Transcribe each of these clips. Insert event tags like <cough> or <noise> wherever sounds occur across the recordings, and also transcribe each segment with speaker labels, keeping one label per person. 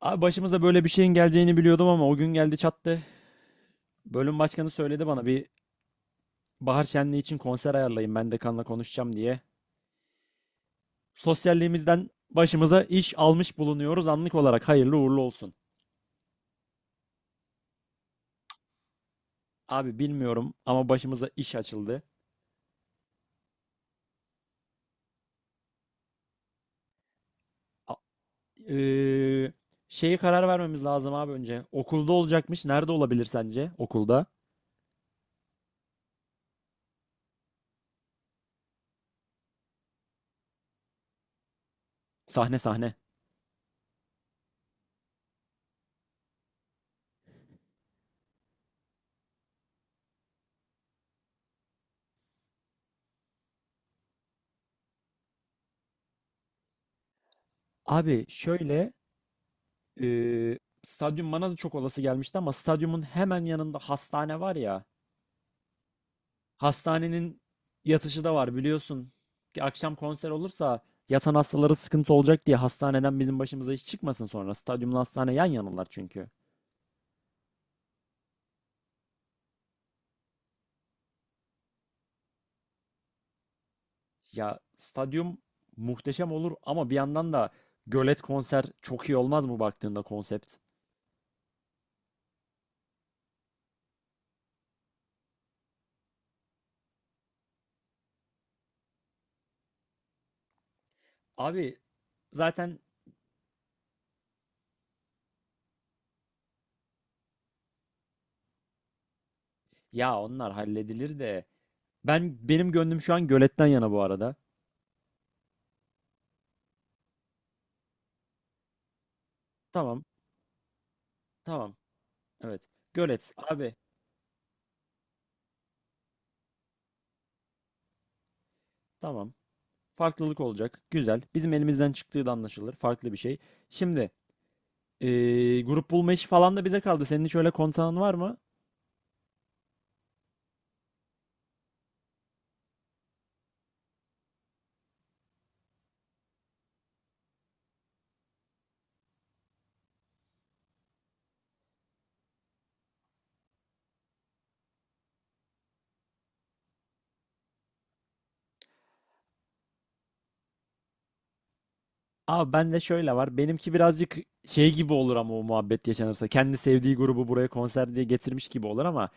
Speaker 1: Abi başımıza böyle bir şeyin geleceğini biliyordum ama o gün geldi çattı. Bölüm başkanı söyledi bana bir bahar şenliği için konser ayarlayın ben dekanla konuşacağım diye. Sosyalliğimizden başımıza iş almış bulunuyoruz anlık olarak hayırlı uğurlu olsun. Abi bilmiyorum ama başımıza iş açıldı. A- Eee şeyi karar vermemiz lazım abi önce. Okulda olacakmış. Nerede olabilir sence? Okulda. Sahne sahne. Abi şöyle eee stadyum bana da çok olası gelmişti ama stadyumun hemen yanında hastane var ya. Hastanenin yatışı da var biliyorsun. Ki akşam konser olursa yatan hastalara sıkıntı olacak diye hastaneden bizim başımıza iş çıkmasın sonra. Stadyumla hastane yan yanalar çünkü. Ya stadyum muhteşem olur ama bir yandan da gölet konser çok iyi olmaz mı baktığında konsept? Abi zaten ya onlar halledilir de benim gönlüm şu an göletten yana bu arada. Tamam, tamam. Evet. Gölet abi. Tamam. Farklılık olacak. Güzel. Bizim elimizden çıktığı da anlaşılır. Farklı bir şey. Şimdi grup bulma işi falan da bize kaldı. Senin şöyle öyle konsanın var mı? Abi bende şöyle var. Benimki birazcık şey gibi olur ama o muhabbet yaşanırsa. Kendi sevdiği grubu buraya konser diye getirmiş gibi olur ama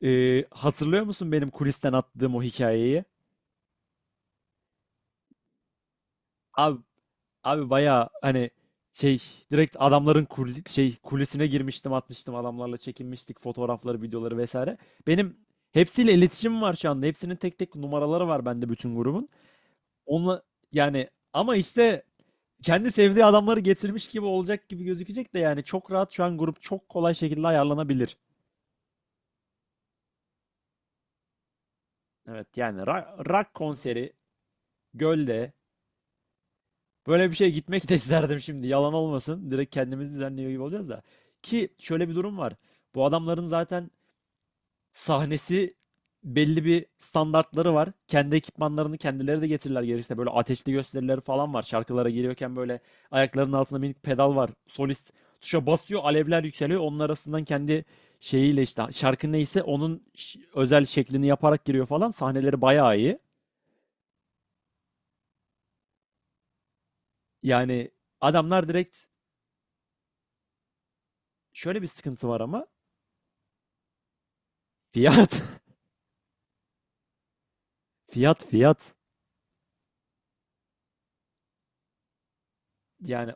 Speaker 1: hatırlıyor musun benim kulisten attığım o hikayeyi? Abi Abi bayağı hani şey direkt adamların kulesine girmiştim, atmıştım, adamlarla çekinmiştik fotoğrafları, videoları vesaire. Benim hepsiyle iletişimim var şu anda. Hepsinin tek tek numaraları var bende bütün grubun. Onunla yani ama işte kendi sevdiği adamları getirmiş gibi olacak gibi gözükecek de yani çok rahat şu an grup çok kolay şekilde ayarlanabilir. Evet yani rock konseri gölde. Böyle bir şeye gitmek de <laughs> isterdim şimdi. Yalan olmasın. Direkt kendimizi düzenliyor gibi olacağız da. Ki şöyle bir durum var. Bu adamların zaten sahnesi belli bir standartları var. Kendi ekipmanlarını kendileri de getirirler gerekirse. Böyle ateşli gösterileri falan var. Şarkılara giriyorken böyle ayaklarının altında minik pedal var. Solist tuşa basıyor, alevler yükseliyor. Onun arasından kendi şeyiyle işte şarkı neyse onun özel şeklini yaparak giriyor falan. Sahneleri bayağı iyi. Yani adamlar direkt şöyle bir sıkıntı var ama fiyat. <laughs> Fiyat fiyat. Yani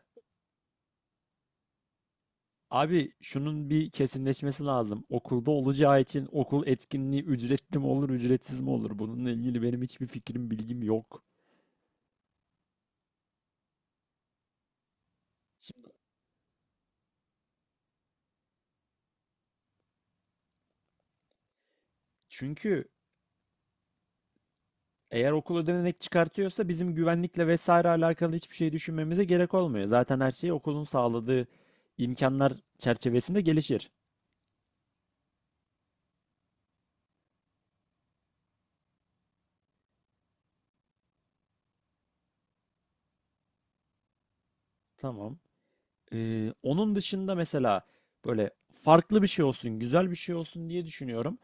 Speaker 1: abi şunun bir kesinleşmesi lazım. Okulda olacağı için okul etkinliği ücretli mi olur, ücretsiz mi olur? Bununla ilgili benim hiçbir fikrim, bilgim yok. Şimdi, çünkü eğer okul ödenek çıkartıyorsa bizim güvenlikle vesaire alakalı hiçbir şey düşünmemize gerek olmuyor. Zaten her şey okulun sağladığı imkanlar çerçevesinde gelişir. Tamam. Onun dışında mesela böyle farklı bir şey olsun, güzel bir şey olsun diye düşünüyorum.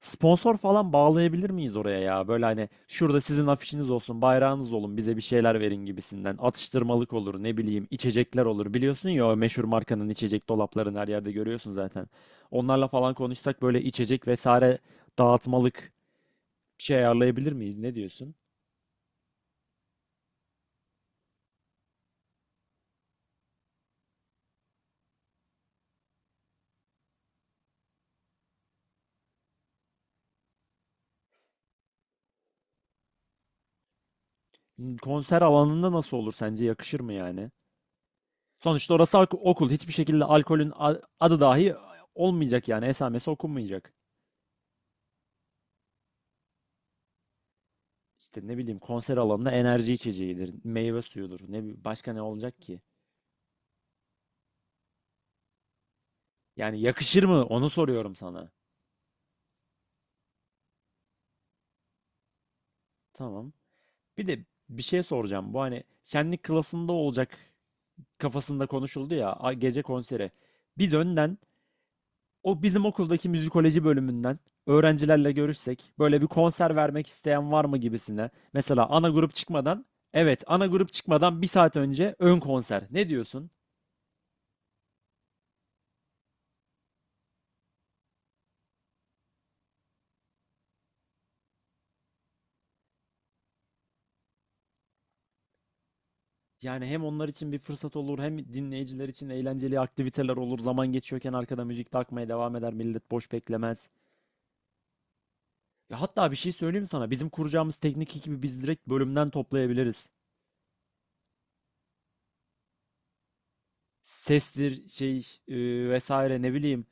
Speaker 1: Sponsor falan bağlayabilir miyiz oraya ya? Böyle hani şurada sizin afişiniz olsun, bayrağınız olun, bize bir şeyler verin gibisinden. Atıştırmalık olur, ne bileyim, içecekler olur. Biliyorsun ya o meşhur markanın içecek dolaplarını her yerde görüyorsun zaten. Onlarla falan konuşsak böyle içecek vesaire dağıtmalık bir şey ayarlayabilir miyiz? Ne diyorsun? Konser alanında nasıl olur sence? Yakışır mı yani? Sonuçta orası okul. Hiçbir şekilde alkolün adı dahi olmayacak yani. Esamesi okunmayacak. İşte ne bileyim konser alanında enerji içeceğidir, meyve suyudur. Ne başka ne olacak ki? Yani yakışır mı? Onu soruyorum sana. Tamam. Bir de bir şey soracağım. Bu hani şenlik klasında olacak kafasında konuşuldu ya gece konseri. Biz önden o bizim okuldaki müzikoloji bölümünden öğrencilerle görüşsek böyle bir konser vermek isteyen var mı gibisine. Mesela ana grup çıkmadan evet, ana grup çıkmadan bir saat önce ön konser. Ne diyorsun? Yani hem onlar için bir fırsat olur hem dinleyiciler için eğlenceli aktiviteler olur. Zaman geçiyorken arkada müzik de akmaya devam eder. Millet boş beklemez. Ya hatta bir şey söyleyeyim sana. Bizim kuracağımız teknik ekibi biz direkt bölümden toplayabiliriz. Sestir, şey, vesaire ne bileyim.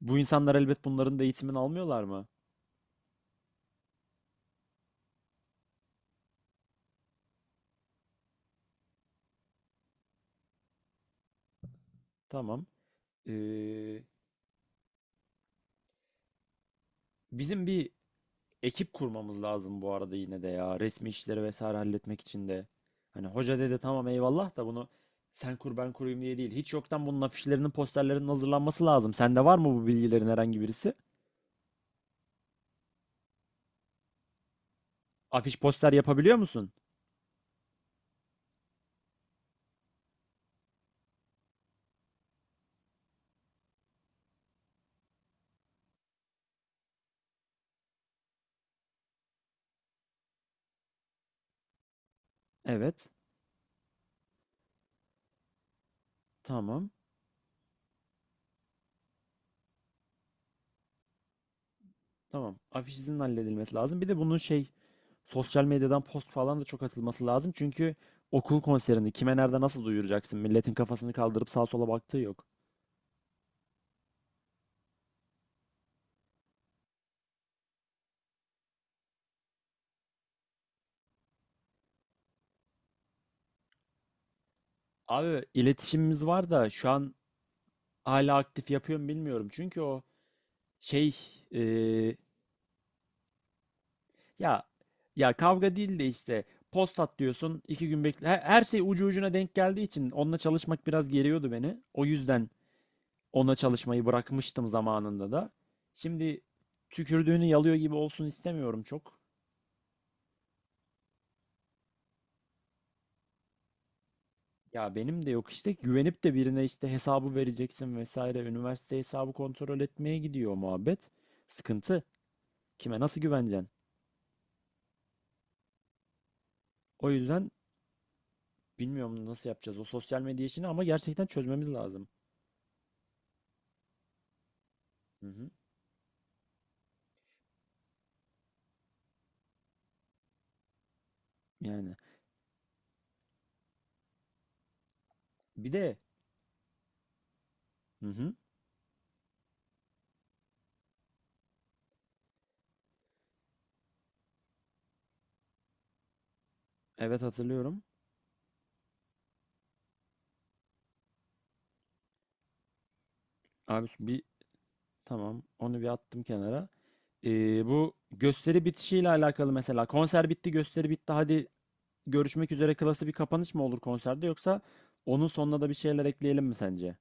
Speaker 1: Bu insanlar elbet bunların da eğitimini almıyorlar mı? Tamam. Ee, Bizim bir ekip kurmamız lazım bu arada yine de ya. Resmi işleri vesaire halletmek için de. Hani hoca dedi tamam eyvallah da bunu sen kur ben kurayım diye değil. Hiç yoktan bunun afişlerinin, posterlerinin hazırlanması lazım. Sende var mı bu bilgilerin herhangi birisi? Afiş poster yapabiliyor musun? Evet. Tamam. Tamam. Afişin halledilmesi lazım. Bir de bunun şey sosyal medyadan post falan da çok atılması lazım. Çünkü okul konserini kime, nerede, nasıl duyuracaksın? Milletin kafasını kaldırıp sağa sola baktığı yok. Abi iletişimimiz var da şu an hala aktif yapıyorum bilmiyorum. Çünkü o şey e, ya kavga değil de işte post at diyorsun 2 gün bekle. Her şey ucu ucuna denk geldiği için onunla çalışmak biraz geriyordu beni. O yüzden ona çalışmayı bırakmıştım zamanında da. Şimdi tükürdüğünü yalıyor gibi olsun istemiyorum çok. Ya benim de yok işte, güvenip de birine işte hesabı vereceksin vesaire. Üniversite hesabı kontrol etmeye gidiyor muhabbet. Sıkıntı. Kime nasıl güveneceksin? O yüzden bilmiyorum nasıl yapacağız o sosyal medya işini ama gerçekten çözmemiz lazım. Hı hı. Yani bir de hı hı. Evet hatırlıyorum. Abi bir Tamam, onu bir attım kenara. Bu gösteri bitişiyle alakalı mesela konser bitti, gösteri bitti, hadi görüşmek üzere klası bir kapanış mı olur konserde yoksa onun sonuna da bir şeyler ekleyelim mi sence?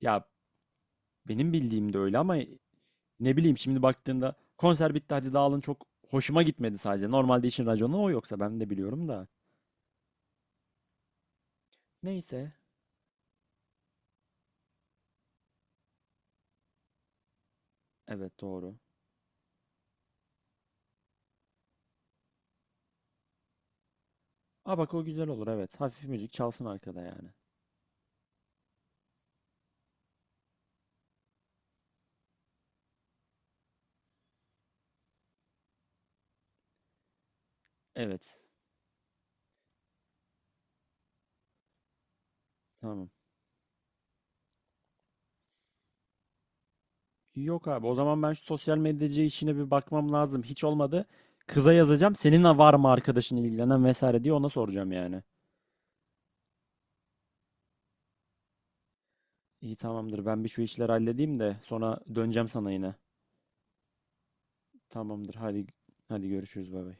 Speaker 1: Ya benim bildiğim de öyle ama ne bileyim şimdi baktığında konser bitti hadi dağılın çok hoşuma gitmedi sadece. Normalde işin raconu o yoksa ben de biliyorum da. Neyse. Evet doğru. Aa bak o güzel olur, evet. Hafif müzik çalsın arkada yani. Evet. Tamam. Yok abi o zaman ben şu sosyal medyacı işine bir bakmam lazım. Hiç olmadı. Kıza yazacağım. Senin var mı arkadaşın ilgilenen vesaire diye ona soracağım yani. İyi tamamdır. Ben bir şu işleri halledeyim de sonra döneceğim sana yine. Tamamdır. Hadi hadi görüşürüz bay bay.